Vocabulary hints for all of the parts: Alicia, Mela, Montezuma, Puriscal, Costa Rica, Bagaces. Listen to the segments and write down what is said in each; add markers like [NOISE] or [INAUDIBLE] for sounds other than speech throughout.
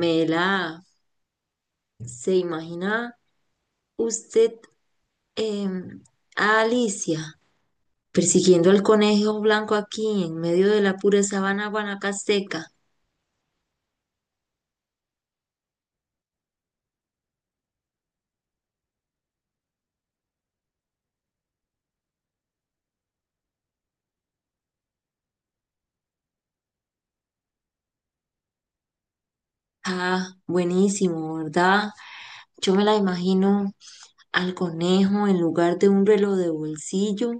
Mela, ¿se imagina usted em, a Alicia persiguiendo al conejo blanco aquí en medio de la pura sabana guanacasteca? Ah, buenísimo, ¿verdad? Yo me la imagino al conejo en lugar de un reloj de bolsillo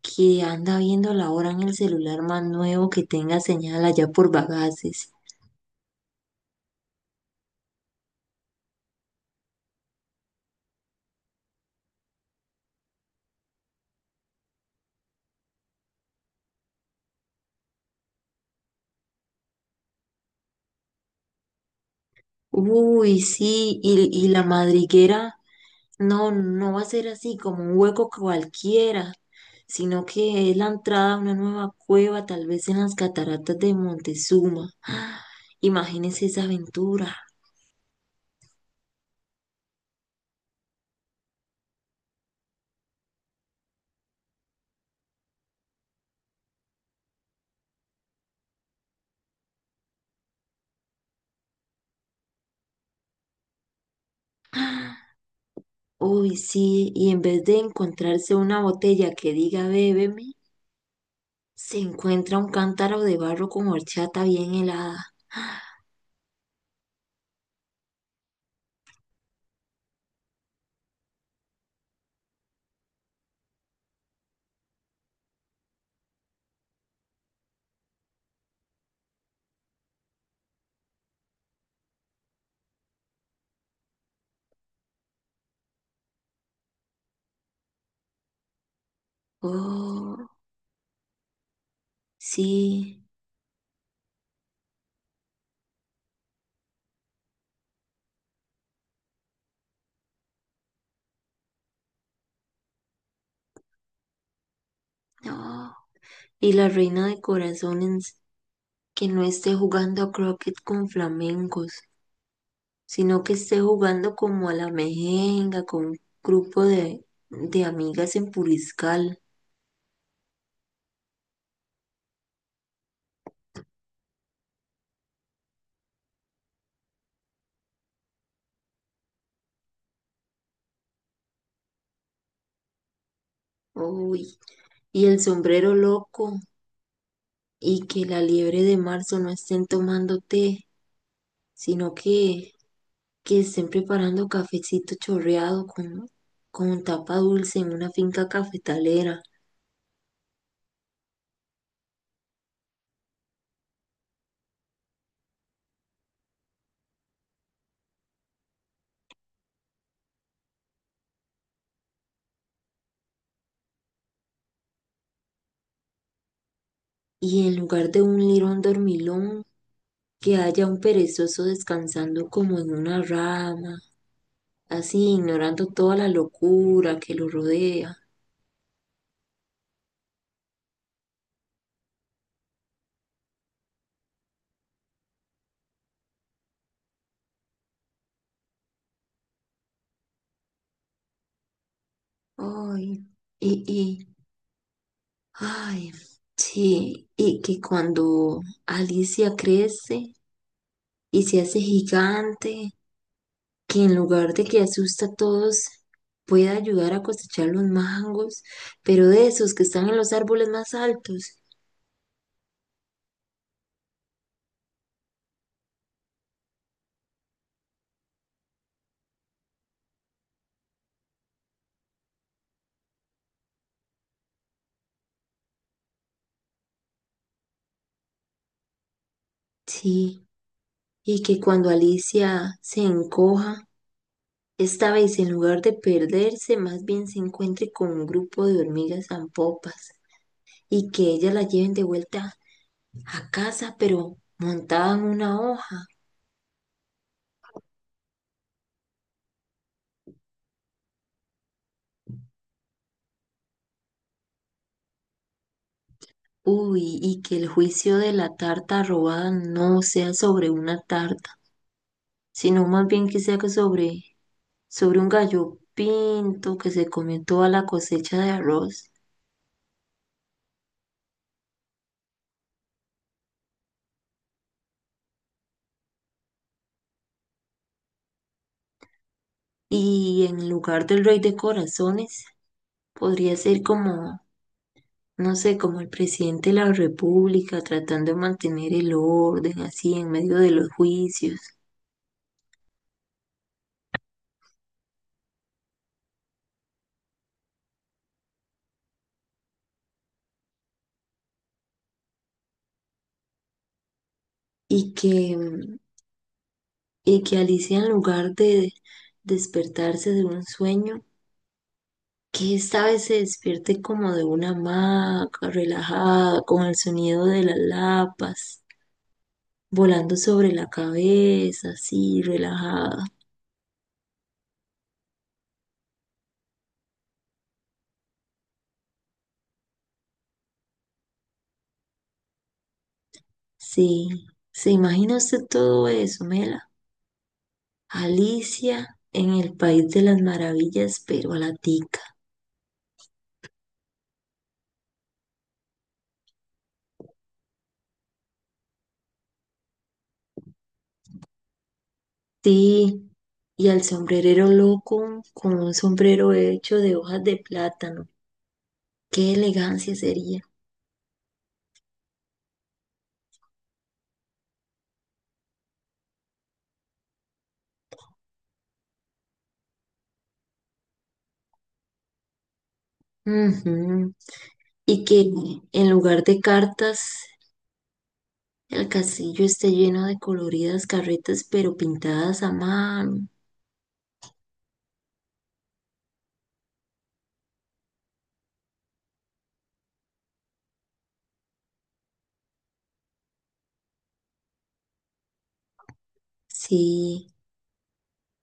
que anda viendo la hora en el celular más nuevo que tenga señal allá por Bagaces. Uy, sí, y la madriguera. No, no va a ser así como un hueco cualquiera, sino que es la entrada a una nueva cueva, tal vez en las cataratas de Montezuma. [GASPS] ¡Ah! Imagínense esa aventura. Uy, sí, y en vez de encontrarse una botella que diga bébeme, se encuentra un cántaro de barro con horchata bien helada. Oh, sí, no. Y la reina de corazones que no esté jugando a croquet con flamencos, sino que esté jugando como a la mejenga con un grupo de amigas en Puriscal. Uy, y el sombrero loco, y que la liebre de marzo no estén tomando té, sino que, que estén preparando cafecito chorreado con tapa dulce en una finca cafetalera, y en lugar de un lirón dormilón, que haya un perezoso descansando como en una rama, así ignorando toda la locura que lo rodea. Ay, y, y, ay, sí, y que cuando Alicia crece y se hace gigante, que en lugar de que asusta a todos, pueda ayudar a cosechar los mangos, pero de esos que están en los árboles más altos. Sí, y que cuando Alicia se encoja, esta vez en lugar de perderse, más bien se encuentre con un grupo de hormigas zampopas y que ellas la lleven de vuelta a casa, pero montada en una hoja. Uy, y que el juicio de la tarta robada no sea sobre una tarta, sino más bien que sea sobre un gallo pinto que se comió toda la cosecha de arroz. Y en lugar del rey de corazones, podría ser como, no sé, como el presidente de la república tratando de mantener el orden así en medio de los juicios. Y y que Alicia en lugar de despertarse de un sueño, que esta vez se despierte como de una hamaca, relajada, con el sonido de las lapas, volando sobre la cabeza, así, relajada. Sí, ¿se imagina usted todo eso, Mela? Alicia en el país de las maravillas, pero a la tica. Sí, y al sombrerero loco con un sombrero hecho de hojas de plátano. ¡Qué elegancia sería! Ujú. Y que en lugar de cartas, el castillo esté lleno de coloridas carretas, pero pintadas a mano. Sí.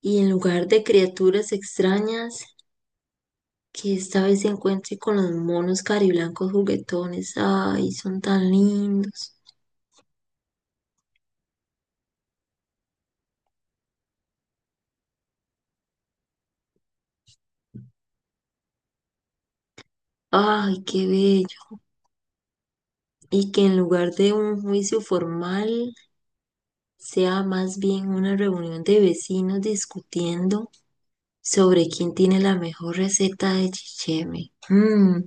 Y en lugar de criaturas extrañas, que esta vez se encuentre con los monos cariblancos juguetones. Ay, son tan lindos. Ay, qué bello. Y que en lugar de un juicio formal, sea más bien una reunión de vecinos discutiendo sobre quién tiene la mejor receta de chicheme. Mm,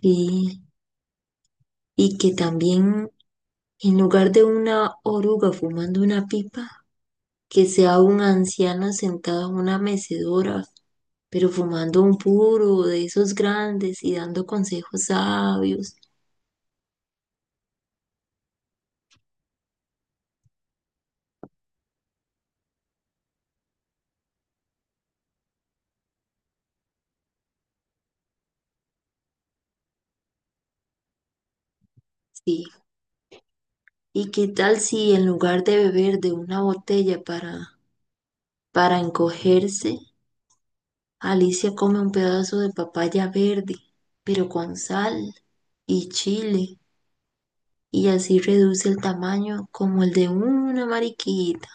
sí, y que también en lugar de una oruga fumando una pipa, que sea un anciano sentado en una mecedora, pero fumando un puro de esos grandes y dando consejos sabios. Sí, ¿y qué tal si en lugar de beber de una botella para encogerse, Alicia come un pedazo de papaya verde, pero con sal y chile? Y así reduce el tamaño como el de una mariquita.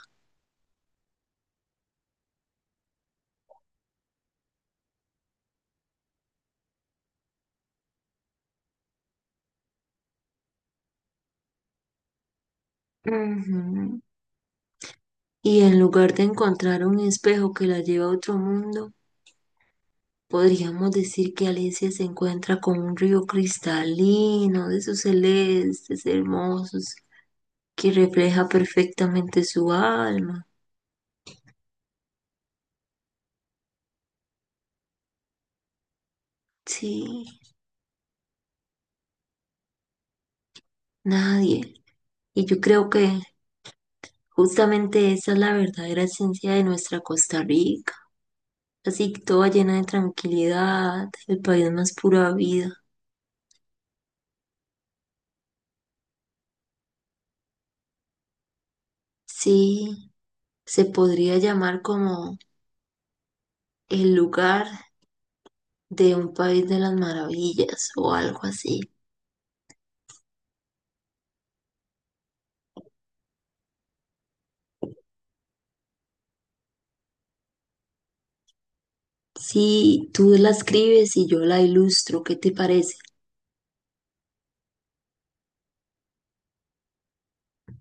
Ujú. Y en lugar de encontrar un espejo que la lleva a otro mundo, podríamos decir que Alicia se encuentra con un río cristalino de sus celestes hermosos que refleja perfectamente su alma. Sí, nadie. Y yo creo que justamente esa es la verdadera esencia de nuestra Costa Rica. Así toda llena de tranquilidad, el país más pura vida. Sí, se podría llamar como el lugar de un país de las maravillas o algo así. Sí, tú la escribes y yo la ilustro, ¿qué te parece?